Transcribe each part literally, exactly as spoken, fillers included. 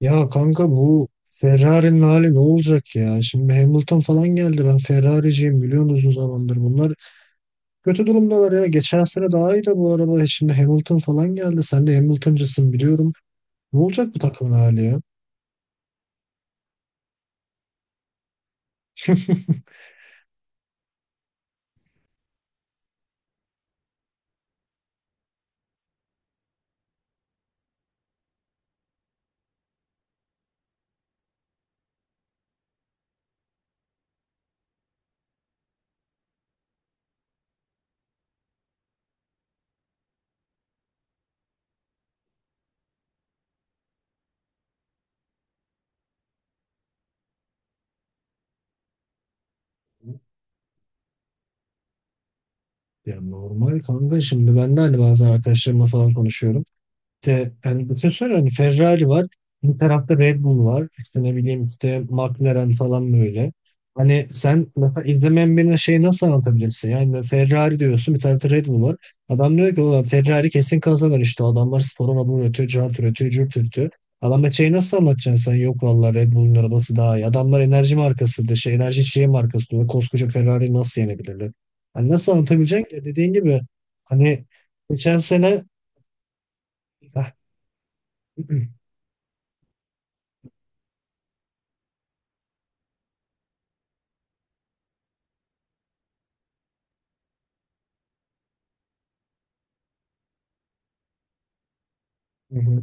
Ya kanka bu Ferrari'nin hali ne olacak ya? Şimdi Hamilton falan geldi. Ben Ferrari'ciyim biliyorsun uzun zamandır. Bunlar kötü durumdalar ya. Geçen sene daha iyi de bu araba. Şimdi Hamilton falan geldi. Sen de Hamilton'cısın biliyorum. Ne olacak bu takımın hali ya? Ya normal kanka şimdi ben de hani bazen arkadaşlarımla falan konuşuyorum. İşte yani düşünsene hani Ferrari var. Bir tarafta Red Bull var. İşte ne bileyim işte McLaren falan böyle. Hani sen mesela izlemeyen birine şeyi nasıl anlatabilirsin? Yani Ferrari diyorsun, bir tarafta Red Bull var. Adam diyor ki ulan Ferrari kesin kazanır işte. Adamlar sporun adını üretiyor, cart üretiyor, cürt üretiyor. Adama şeyi nasıl anlatacaksın sen? Yok vallahi Red Bull'un arabası daha iyi. Adamlar enerji markası da şey enerji içeceği markası diyor. Koskoca Ferrari nasıl yenebilirler? Hani nasıl anlatabileceksin ki? Dediğin gibi hani geçen sene Hı.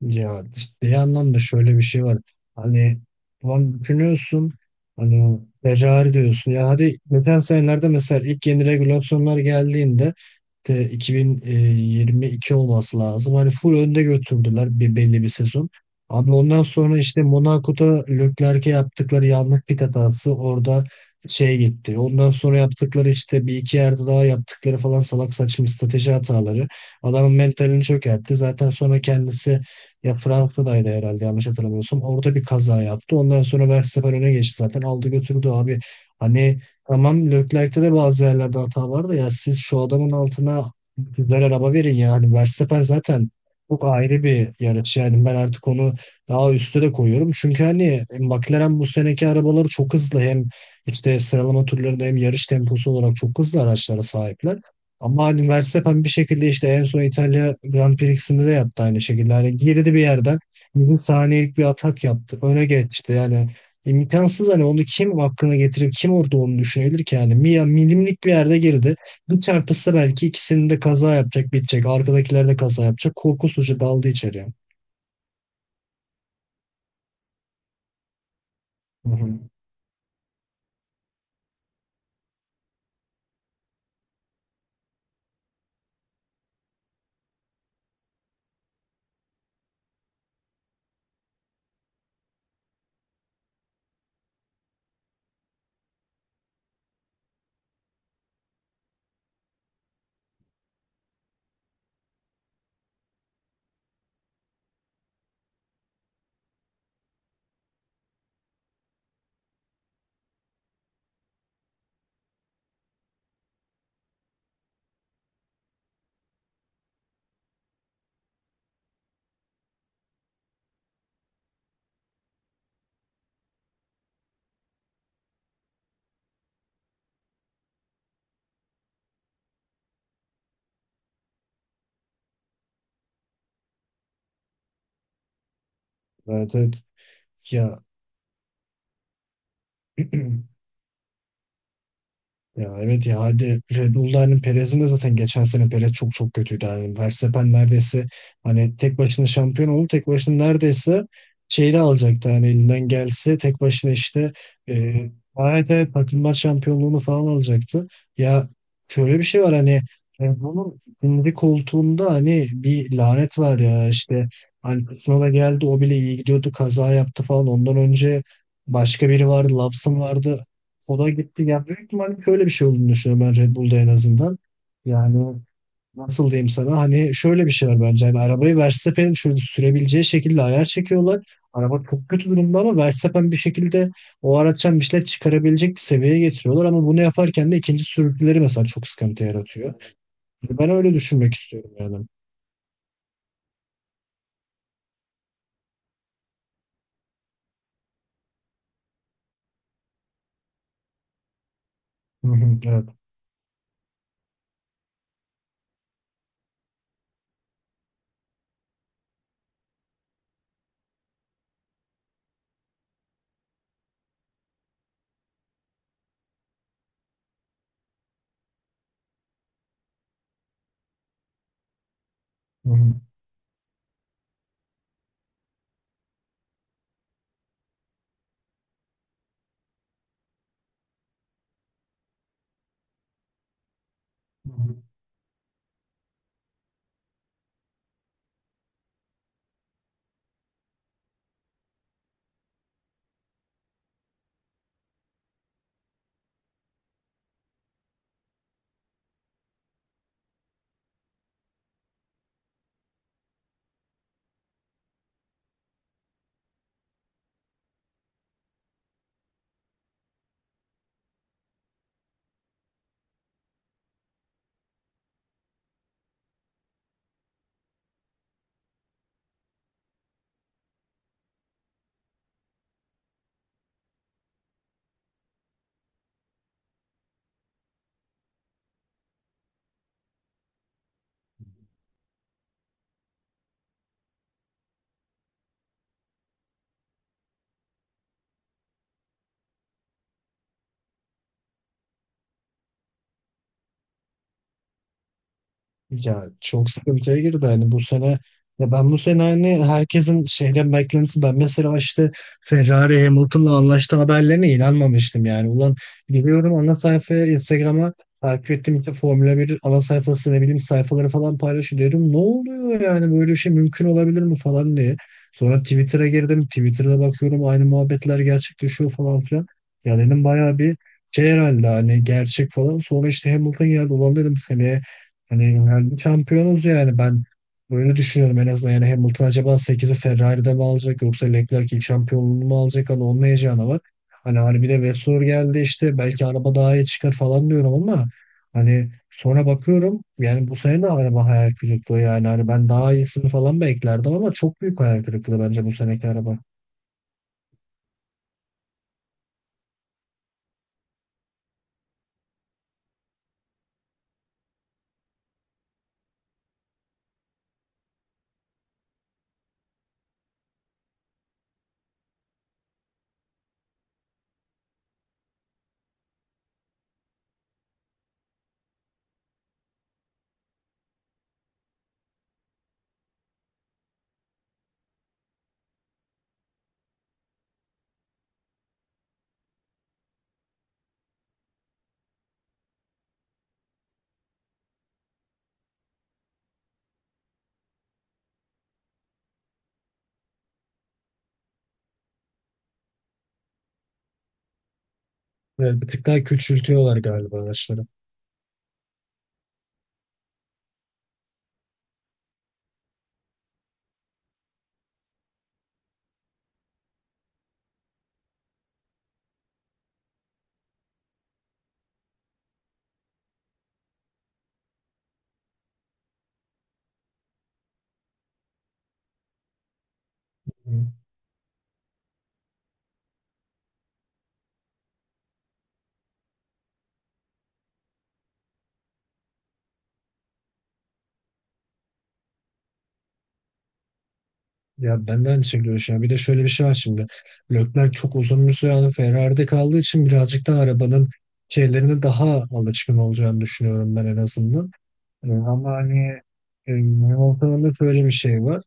Ya ciddi anlamda şöyle bir şey var. Hani ulan düşünüyorsun hani Ferrari diyorsun. Ya hadi geçen senelerde mesela ilk yeni regülasyonlar geldiğinde de iki bin yirmi iki olması lazım. Hani full önde götürdüler bir belli bir sezon. Abi ondan sonra işte Monaco'da Leclerc'e yaptıkları yanlış pit hatası orada şey gitti. Ondan sonra yaptıkları işte bir iki yerde daha yaptıkları falan salak saçma strateji hataları. Adamın mentalini çökertti. Zaten sonra kendisi ya Fransa'daydı herhalde yanlış hatırlamıyorsam. Orada bir kaza yaptı. Ondan sonra Verstappen öne geçti zaten. Aldı götürdü abi. Hani tamam, Leclerc'te de bazı yerlerde hata var da ya siz şu adamın altına güzel araba verin ya. Hani Verstappen zaten çok ayrı bir yarış. Yani ben artık onu daha üste de koyuyorum. Çünkü hani McLaren bu seneki arabaları çok hızlı. Hem işte sıralama turlarında hem yarış temposu olarak çok hızlı araçlara sahipler. Ama hani Verstappen bir şekilde işte en son İtalya Grand Prix'sinde de yaptı aynı şekilde. Hani girdi bir yerden millisaniyelik bir atak yaptı. Öne geçti yani. İmkansız, hani onu kim hakkına getirip kim orada onu düşünebilir ki yani. Mia milimlik bir yerde girdi. Bir çarpışsa belki ikisinin de kaza yapacak, bitecek. Arkadakiler de kaza yapacak. Korkusuzca daldı içeriye. Hı hı. Evet evet. Ya ya evet ya hadi Red Bull'da hani Perez'in de zaten geçen sene Perez çok çok kötüydü. Yani Verstappen neredeyse hani tek başına şampiyon oldu. Tek başına neredeyse şeyle alacaktı hani elinden gelse tek başına işte e, evet evet takımlar şampiyonluğunu falan alacaktı. Ya şöyle bir şey var hani Red Bull'un ikinci koltuğunda hani bir lanet var ya işte hani Tsunoda geldi o bile iyi gidiyordu kaza yaptı falan. Ondan önce başka biri vardı, Lawson vardı. O da gitti. Yani büyük ihtimalle şöyle bir şey olduğunu düşünüyorum ben Red Bull'da en azından. Yani nasıl diyeyim sana hani şöyle bir şey var bence. Hani arabayı Verstappen'in şöyle sürebileceği şekilde ayar çekiyorlar. Araba çok kötü durumda ama Verstappen bir şekilde o araçtan bir şeyler çıkarabilecek bir seviyeye getiriyorlar. Ama bunu yaparken de ikinci sürücüleri mesela çok sıkıntı yaratıyor. Yani ben öyle düşünmek istiyorum yani. Hı hı, evet. Hı hı. Ya çok sıkıntıya girdi hani bu sene. Ya ben bu sene hani herkesin şeyden beklentisi, ben mesela işte Ferrari Hamilton'la anlaştı haberlerine inanmamıştım yani. Ulan giriyorum ana sayfaya, Instagram'a, takip ettiğim işte Formula bir ana sayfası ne bileyim sayfaları falan paylaşıyor, diyorum ne oluyor yani, böyle bir şey mümkün olabilir mi falan diye. Sonra Twitter'a girdim, Twitter'da bakıyorum aynı muhabbetler gerçekleşiyor falan filan. Ya dedim bayağı bir şey herhalde, hani gerçek falan. Sonra işte Hamilton geldi, ulan dedim seneye hani yani şampiyonuz yani, ben böyle düşünüyorum en azından. Yani Hamilton acaba sekizi Ferrari'de mi alacak, yoksa Leclerc ilk şampiyonluğunu mu alacak? Hani onun heyecanı var. Hani hani bir de Vettel geldi işte, belki araba daha iyi çıkar falan diyorum ama hani sonra bakıyorum yani bu sene de araba hayal kırıklığı yani. Hani ben daha iyisini falan beklerdim ama çok büyük hayal kırıklığı bence bu seneki araba. Evet, bir tık daha küçültüyorlar galiba araçları. Hı. Ya ben de aynı şekilde düşünüyorum. Bir de şöyle bir şey var şimdi. Leclerc çok uzun bir süre hani Ferrari'de kaldığı için birazcık daha arabanın şeylerine daha alışkın olacağını düşünüyorum ben en azından. Ee, ama hani e, Hamilton'ın da şöyle bir şey var.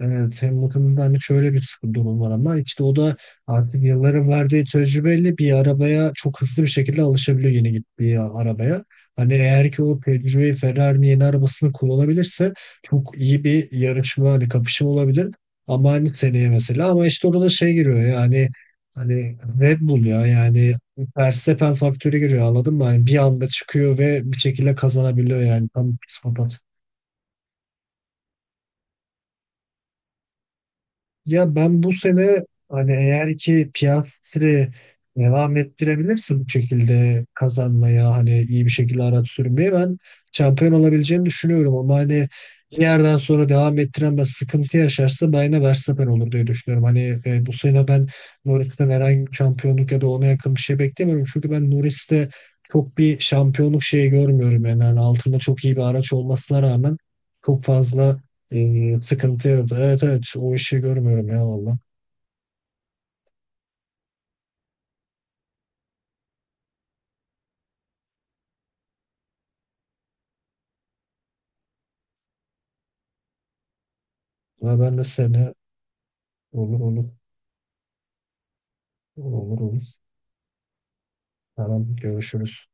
Evet, hem bakımından hani şöyle bir sıkı durum var ama işte o da artık yılların verdiği tecrübeyle bir arabaya çok hızlı bir şekilde alışabiliyor, yeni gittiği arabaya. Hani eğer ki o tecrübeyi Ferrari'nin yeni arabasını kullanabilirse çok iyi bir yarışma, hani kapışma olabilir. Ama hani seneye mesela, ama işte orada şey giriyor yani, hani hani Red Bull ya yani, Verstappen faktörü giriyor, anladın mı? Hani bir anda çıkıyor ve bir şekilde kazanabiliyor yani, tam psikopat. Ya ben bu sene hani eğer ki Piastri'yi devam ettirebilirsin bu şekilde kazanmaya, hani iyi bir şekilde araç sürmeye, ben şampiyon olabileceğini düşünüyorum ama hani bir yerden sonra devam ettiremez, sıkıntı yaşarsa ben yine Verstappen olur diye düşünüyorum. Hani e, bu sene ben Norris'ten herhangi bir şampiyonluk ya da ona yakın bir şey beklemiyorum. Çünkü ben Norris'te çok bir şampiyonluk şeyi görmüyorum yani. Yani altında çok iyi bir araç olmasına rağmen çok fazla ee, sıkıntıydı. Evet evet, o işi görmüyorum ya valla. Ama ben de seni. Olur olur, olur olur. Tamam, görüşürüz.